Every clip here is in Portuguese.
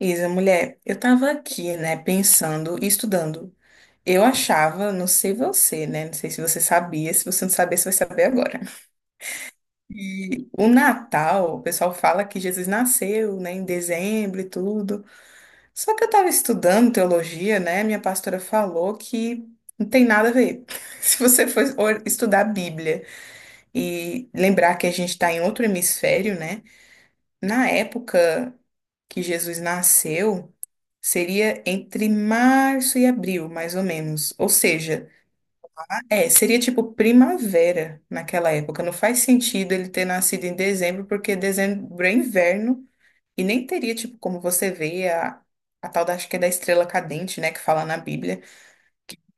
Isa, mulher, eu tava aqui, né, pensando e estudando. Eu achava, não sei você, né, não sei se você sabia, se você não sabia, você vai saber agora. E o Natal, o pessoal fala que Jesus nasceu, né, em dezembro e tudo. Só que eu tava estudando teologia, né, minha pastora falou que não tem nada a ver. Se você for estudar a Bíblia e lembrar que a gente tá em outro hemisfério, né, na época que Jesus nasceu, seria entre março e abril, mais ou menos. Ou seja, é, seria tipo primavera naquela época. Não faz sentido ele ter nascido em dezembro, porque dezembro é inverno e nem teria, tipo, como você vê a tal acho que é da estrela cadente, né, que fala na Bíblia,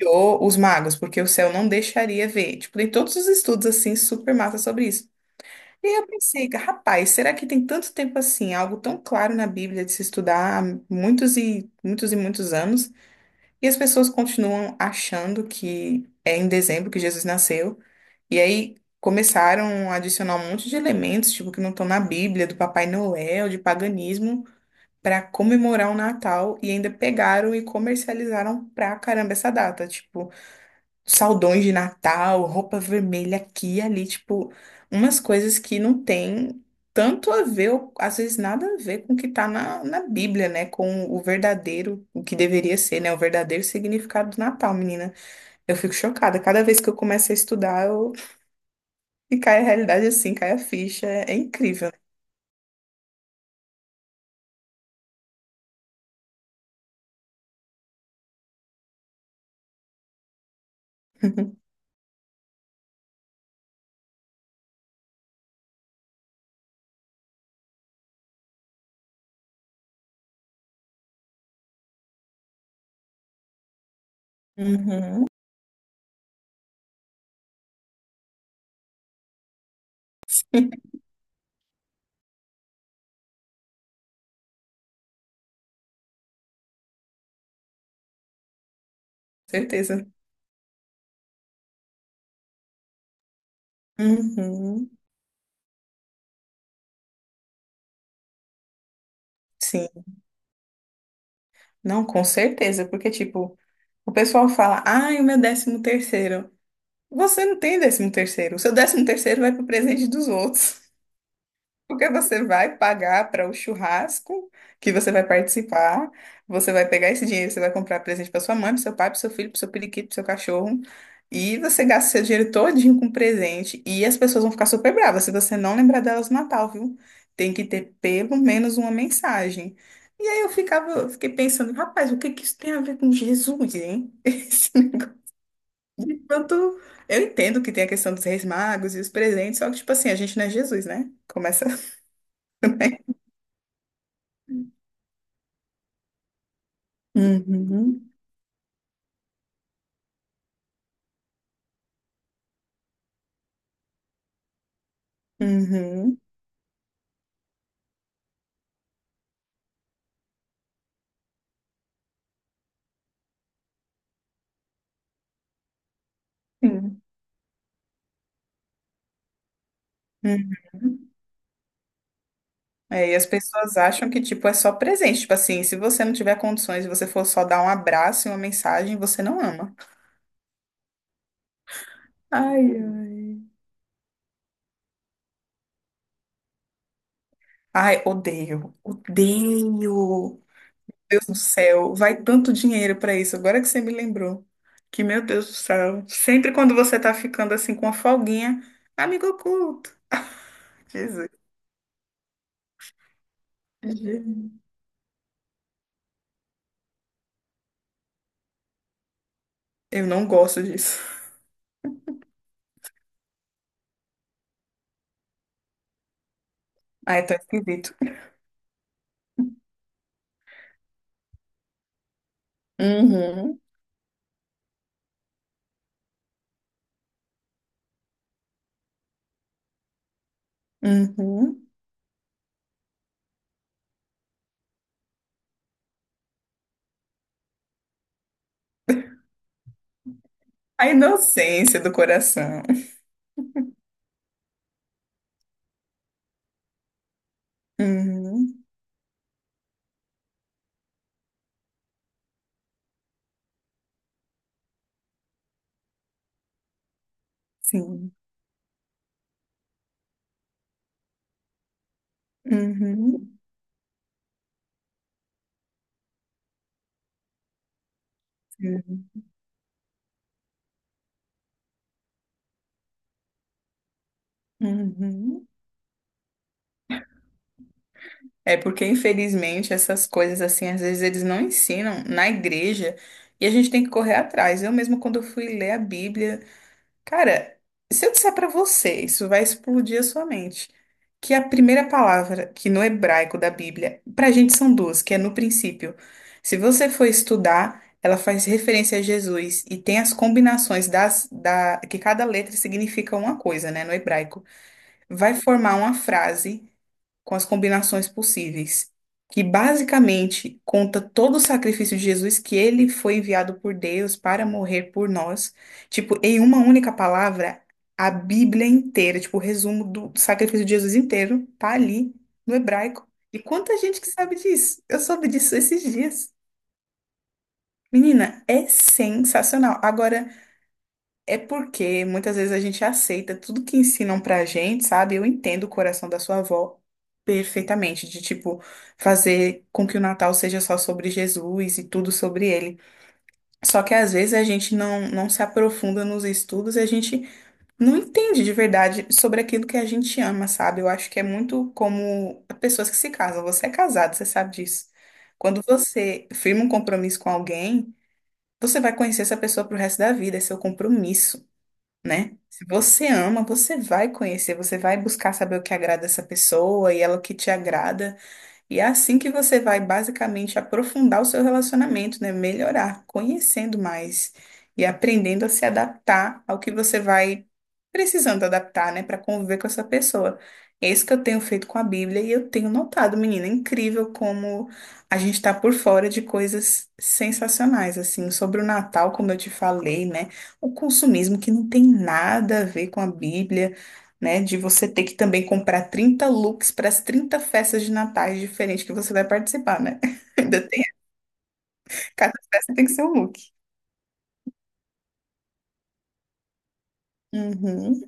ou os magos, porque o céu não deixaria ver. Tipo, tem todos os estudos assim super massa sobre isso. E aí eu pensei, rapaz, será que tem tanto tempo assim, algo tão claro na Bíblia de se estudar há muitos e muitos e muitos anos? E as pessoas continuam achando que é em dezembro que Jesus nasceu. E aí começaram a adicionar um monte de elementos, tipo, que não estão na Bíblia, do Papai Noel, de paganismo, para comemorar o Natal. E ainda pegaram e comercializaram pra caramba essa data. Tipo, saldões de Natal, roupa vermelha aqui e ali, tipo, umas coisas que não tem tanto a ver, ou às vezes nada a ver com o que tá na Bíblia, né? Com o verdadeiro, o que deveria ser, né? O verdadeiro significado do Natal, menina. Eu fico chocada. Cada vez que eu começo a estudar, eu... e cai a realidade assim, cai a ficha. É, é incrível. Uhum. Certeza. Uhum. Sim, não, com certeza, porque tipo, o pessoal fala, ai, o meu 13º. Você não tem 13º. O seu 13º vai para o presente dos outros. Porque você vai pagar para o churrasco que você vai participar. Você vai pegar esse dinheiro, você vai comprar presente para sua mãe, para seu pai, para seu filho, para seu periquito, para seu cachorro. E você gasta seu dinheiro todinho com presente. E as pessoas vão ficar super bravas se você não lembrar delas no Natal, viu? Tem que ter pelo menos uma mensagem. E aí eu fiquei pensando, rapaz, o que que isso tem a ver com Jesus, hein? De pronto, eu entendo que tem a questão dos reis magos e os presentes, só que, tipo assim, a gente não é Jesus, né? Começa. Por aí. Uhum, uhum, sim, uhum. É, e as pessoas acham que, tipo, é só presente. Tipo assim, se você não tiver condições e você for só dar um abraço e uma mensagem, você não ama. Ai, ai. Ai, odeio, odeio. Deus do céu, vai tanto dinheiro pra isso. Agora que você me lembrou. Que, meu Deus do céu. Sempre quando você tá ficando assim com uma folguinha, amigo oculto. Jesus. Jesus. Eu não gosto disso. Ai, tão esquisito. Uhum, uhum. A inocência do coração. Uhum, sim. Uhum, sim. Uhum. É porque, infelizmente, essas coisas, assim, às vezes eles não ensinam na igreja e a gente tem que correr atrás. Eu mesma, quando eu fui ler a Bíblia, cara, se eu disser pra você, isso vai explodir a sua mente, que a primeira palavra que no hebraico da Bíblia, pra gente são duas, que é no princípio. Se você for estudar, ela faz referência a Jesus e tem as combinações da, que cada letra significa uma coisa, né, no hebraico. Vai formar uma frase com as combinações possíveis, que basicamente conta todo o sacrifício de Jesus que ele foi enviado por Deus para morrer por nós. Tipo, em uma única palavra, a Bíblia inteira, tipo, o resumo do sacrifício de Jesus inteiro tá ali no hebraico. E quanta gente que sabe disso? Eu soube disso esses dias. Menina, é sensacional. Agora é porque muitas vezes a gente aceita tudo que ensinam pra gente, sabe? Eu entendo o coração da sua avó perfeitamente, de tipo, fazer com que o Natal seja só sobre Jesus e tudo sobre ele. Só que às vezes a gente não se aprofunda nos estudos e a gente não entende de verdade sobre aquilo que a gente ama, sabe? Eu acho que é muito como pessoas que se casam. Você é casado, você sabe disso. Quando você firma um compromisso com alguém, você vai conhecer essa pessoa pro resto da vida, é seu compromisso, né? Se você ama, você vai conhecer, você vai buscar saber o que agrada essa pessoa e ela o que te agrada. E é assim que você vai basicamente aprofundar o seu relacionamento, né? Melhorar, conhecendo mais e aprendendo a se adaptar ao que você vai precisando adaptar, né, para conviver com essa pessoa. É isso que eu tenho feito com a Bíblia e eu tenho notado, menina, é incrível como a gente está por fora de coisas sensacionais, assim, sobre o Natal, como eu te falei, né? O consumismo que não tem nada a ver com a Bíblia, né? De você ter que também comprar 30 looks para as 30 festas de natais diferentes que você vai participar, né? Ainda tem, cada festa tem que ser um look. Uhum,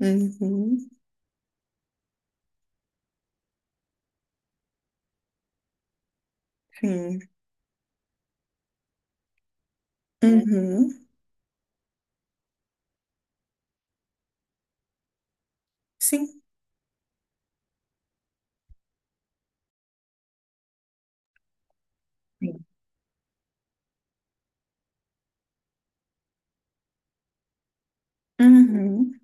uhum, sim, uhum, sim. Uhum.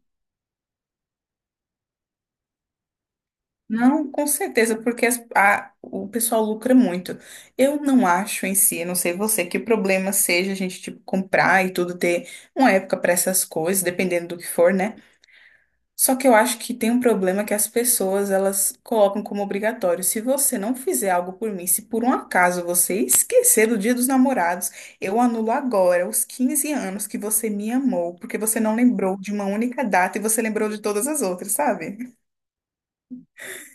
Não, com certeza, porque o pessoal lucra muito. Eu não acho em si, eu não sei você, que o problema seja a gente, tipo, comprar e tudo, ter uma época para essas coisas, dependendo do que for, né? Só que eu acho que tem um problema que as pessoas elas colocam como obrigatório. Se você não fizer algo por mim, se por um acaso você esquecer do Dia dos Namorados, eu anulo agora os 15 anos que você me amou, porque você não lembrou de uma única data e você lembrou de todas as outras, sabe?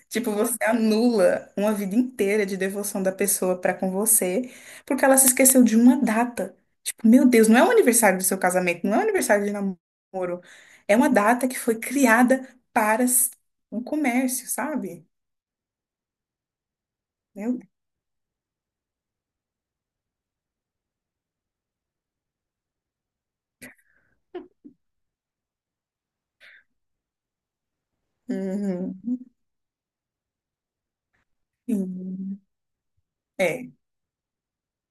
Tipo, você anula uma vida inteira de devoção da pessoa pra com você, porque ela se esqueceu de uma data. Tipo, meu Deus, não é o aniversário do seu casamento, não é o aniversário de namoro. É uma data que foi criada para o comércio, sabe? Meu Deus. Uhum. Sim. É,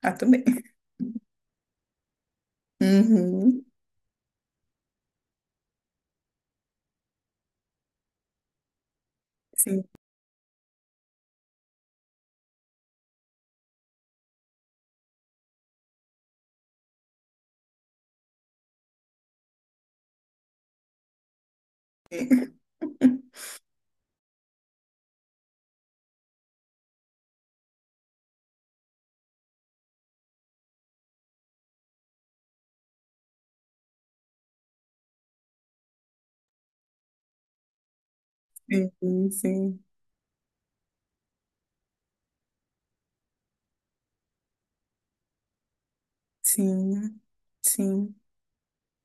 ah, também. Uhum. Sim, sim, sim, sim, sim.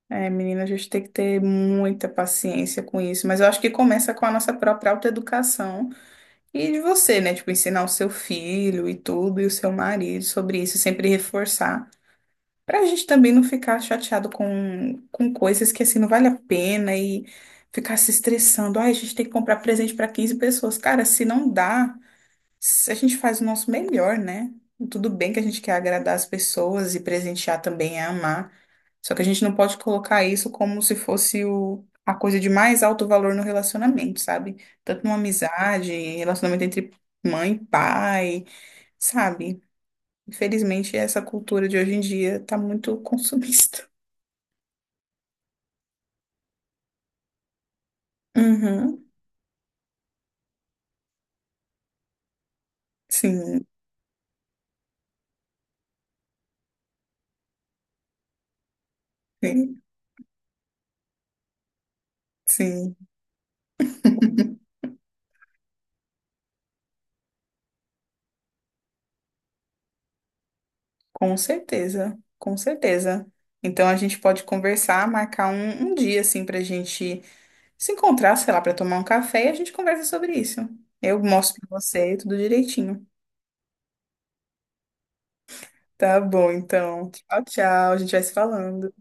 É, menina, a gente tem que ter muita paciência com isso, mas eu acho que começa com a nossa própria autoeducação e de você, né? Tipo, ensinar o seu filho e tudo, e o seu marido sobre isso, e sempre reforçar, pra gente também não ficar chateado com coisas que assim não vale a pena e ficar se estressando. Ai, a gente tem que comprar presente pra 15 pessoas. Cara, se não dá, se a gente faz o nosso melhor, né? Tudo bem que a gente quer agradar as pessoas e presentear também é amar. Só que a gente não pode colocar isso como se fosse a coisa de mais alto valor no relacionamento, sabe? Tanto numa amizade, relacionamento entre mãe e pai, sabe? Infelizmente, essa cultura de hoje em dia tá muito consumista. Uhum. Sim, sim, sim. Com certeza, com certeza. Então a gente pode conversar, marcar um dia assim pra gente se encontrar, sei lá, pra tomar um café e a gente conversa sobre isso. Eu mostro pra você tudo direitinho. Tá bom, então. Tchau, tchau. A gente vai se falando.